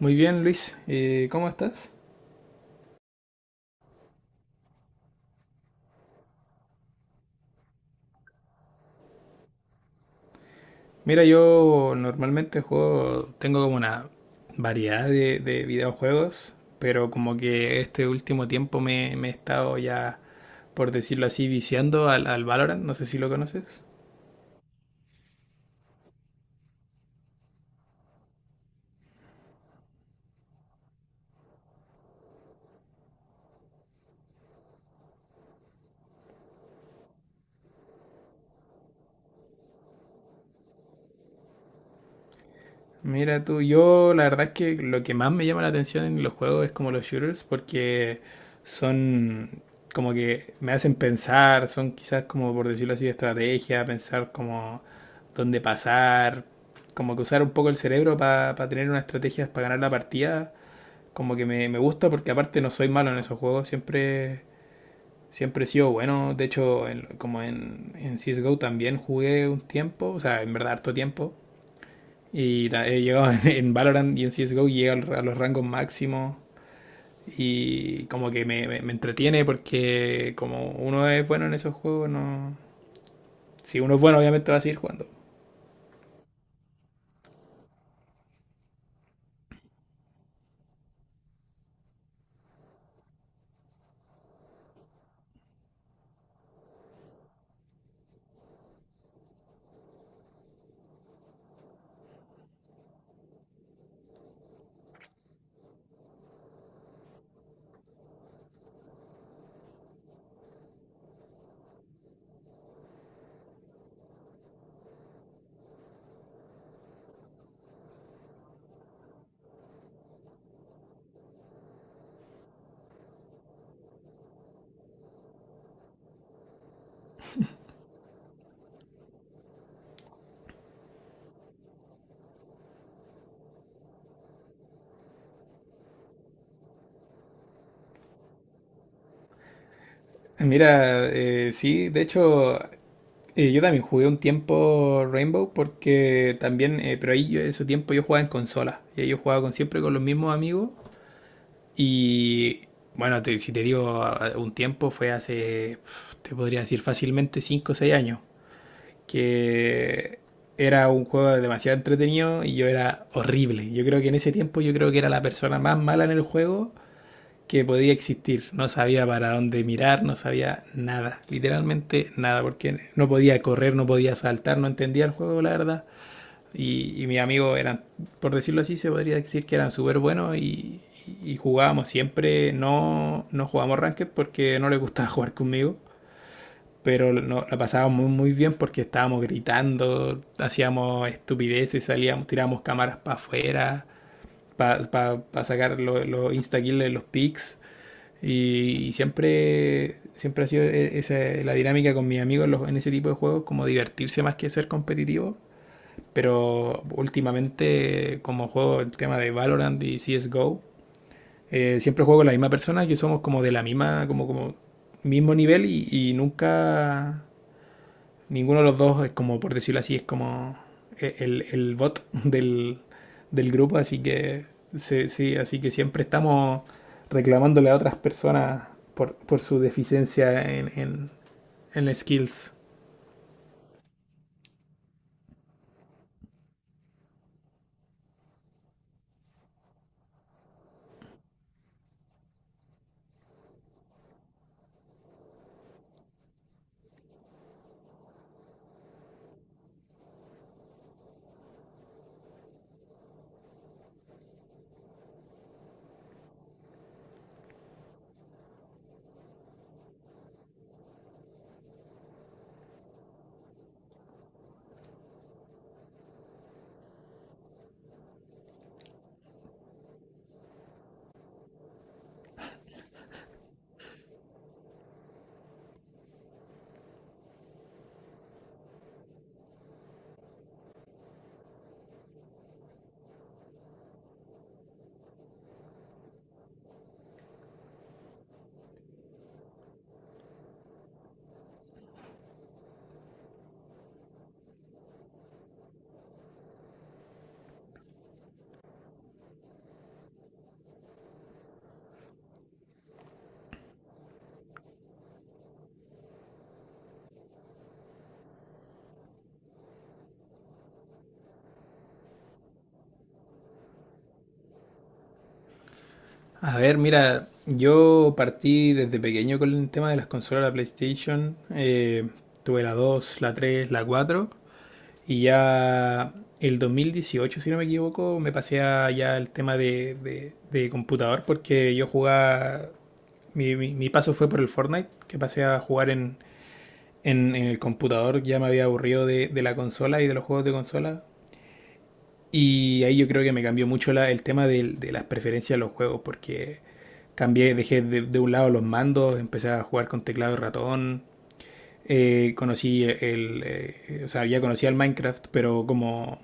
Muy bien, Luis. ¿Cómo estás? Mira, yo normalmente juego, tengo como una variedad de videojuegos, pero como que este último tiempo me he estado ya, por decirlo así, viciando al Valorant, no sé si lo conoces. Mira tú, yo la verdad es que lo que más me llama la atención en los juegos es como los shooters, porque son como que me hacen pensar, son quizás como por decirlo así, estrategia, pensar como dónde pasar, como que usar un poco el cerebro para tener unas estrategias para ganar la partida, como que me gusta porque aparte no soy malo en esos juegos, siempre, siempre he sido bueno, de hecho como en CSGO también jugué un tiempo, o sea, en verdad harto tiempo. Y he llegado en Valorant y en CSGO y llega a los rangos máximos. Y como que me entretiene porque como uno es bueno en esos juegos, no... Si uno es bueno, obviamente va a seguir jugando. Mira, sí, de hecho, yo también jugué un tiempo Rainbow porque también, pero ahí yo, en su tiempo yo jugaba en consola. Y ahí yo jugaba con, siempre con los mismos amigos. Y bueno, si te digo un tiempo, fue hace, pf, te podría decir fácilmente 5 o 6 años, que era un juego demasiado entretenido y yo era horrible. Yo creo que en ese tiempo yo creo que era la persona más mala en el juego que podía existir. No sabía para dónde mirar, no sabía nada, literalmente nada, porque no podía correr, no podía saltar, no entendía el juego, la verdad. Y mis amigos eran, por decirlo así, se podría decir que eran súper buenos y jugábamos siempre, no, no jugábamos ranked porque no les gustaba jugar conmigo, pero no, la pasábamos muy, muy bien porque estábamos gritando, hacíamos estupideces, salíamos, tirábamos cámaras para afuera, para pa sacar los lo instakills, de los pics, siempre, siempre ha sido esa, la dinámica con mis amigos en ese tipo de juegos, como divertirse más que ser competitivo, pero últimamente como juego el tema de Valorant y CSGO, siempre juego con la misma persona, que somos como de la misma, como, como mismo nivel y nunca ninguno de los dos es como, por decirlo así, es como el bot del, del grupo, así que sí, sí, así que siempre estamos reclamándole a otras personas por su deficiencia en las skills. A ver, mira, yo partí desde pequeño con el tema de las consolas, la PlayStation. Tuve la dos, la tres, la cuatro. Y ya el 2018, si no me equivoco, me pasé a ya el tema de computador porque yo jugaba, mi paso fue por el Fortnite, que pasé a jugar en el computador, ya me había aburrido de la consola y de los juegos de consola. Y ahí yo creo que me cambió mucho el tema de, las preferencias de los juegos porque cambié, dejé de un lado los mandos, empecé a jugar con teclado y ratón. Conocí o sea, ya conocía el Minecraft, pero como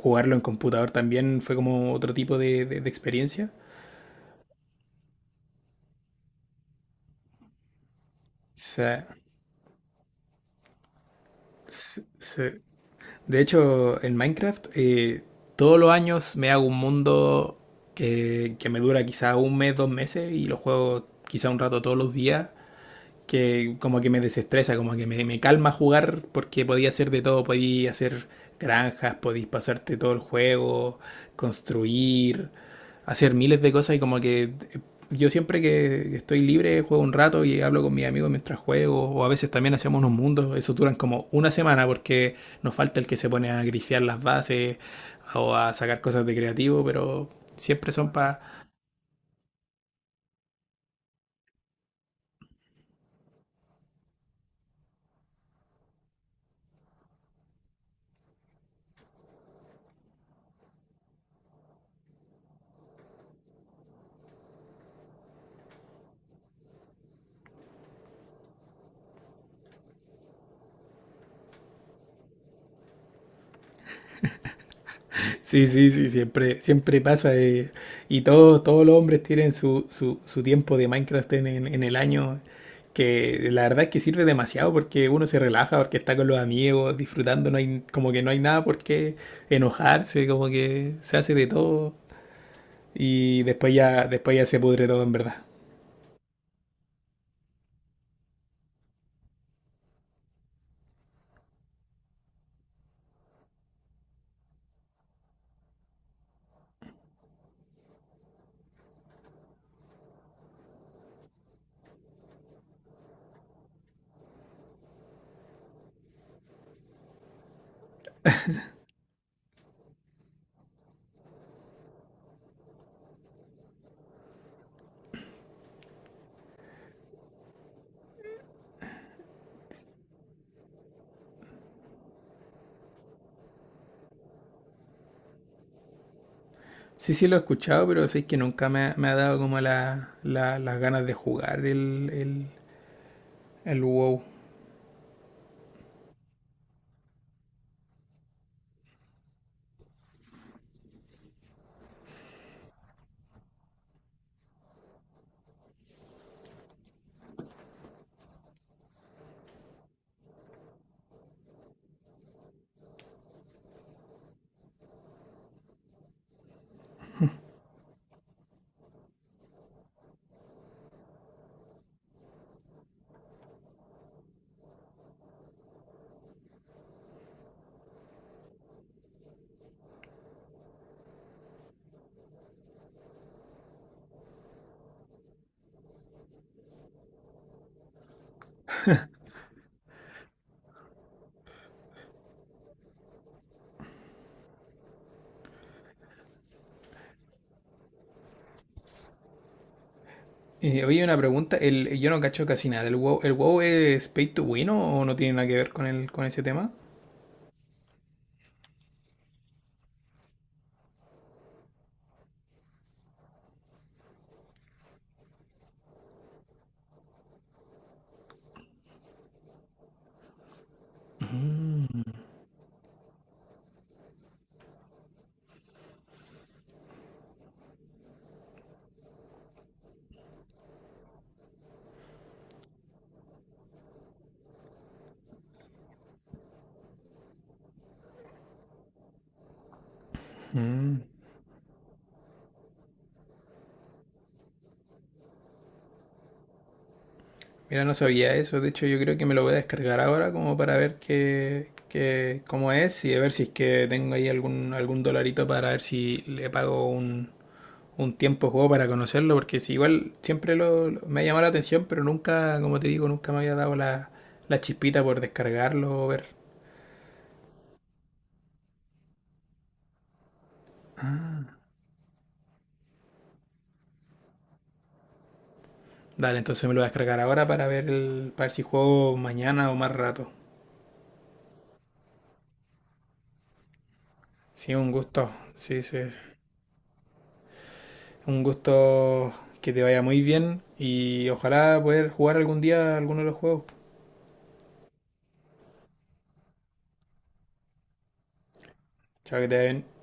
jugarlo en computador también fue como otro tipo de experiencia. O sea, se- se- de hecho, en Minecraft, todos los años me hago un mundo que me dura quizá un mes, dos meses y lo juego quizá un rato todos los días, que como que me desestresa, como que me calma jugar porque podía hacer de todo, podía hacer granjas, podéis pasarte todo el juego, construir, hacer miles de cosas y como que yo siempre que estoy libre juego un rato y hablo con mis amigos mientras juego o a veces también hacemos unos mundos, eso duran como una semana porque nos falta el que se pone a grifear las bases o a sacar cosas de creativo, pero siempre son para... Sí, sí, sí, siempre, siempre pasa. Y todos, todos los hombres tienen su, su tiempo de Minecraft en, en el año, que la verdad es que sirve demasiado porque uno se relaja, porque está con los amigos, disfrutando, no hay, como que no hay nada por qué enojarse, como que se hace de todo y después ya se pudre todo en verdad. Sí, sí lo he escuchado, pero sí que nunca me, ha me ha dado como la, las ganas de jugar el WoW. Oye, una pregunta, el, yo no cacho casi nada del WoW, ¿el WoW es pay to win o no tiene nada que ver con el, con ese tema? Mm. Mira, no sabía eso. De hecho, yo creo que me lo voy a descargar ahora como para ver cómo es y a ver si es que tengo ahí algún, algún dolarito para ver si le pago un tiempo de juego para conocerlo. Porque si igual siempre me ha llamado la atención, pero nunca, como te digo, nunca me había dado la, la chispita por descargarlo o ver. Dale, entonces me lo voy a descargar ahora para ver el, para ver si juego mañana o más rato. Sí, un gusto. Sí, sí. Un gusto, que te vaya muy bien y ojalá poder jugar algún día alguno de los juegos. Chao, que te vaya bien.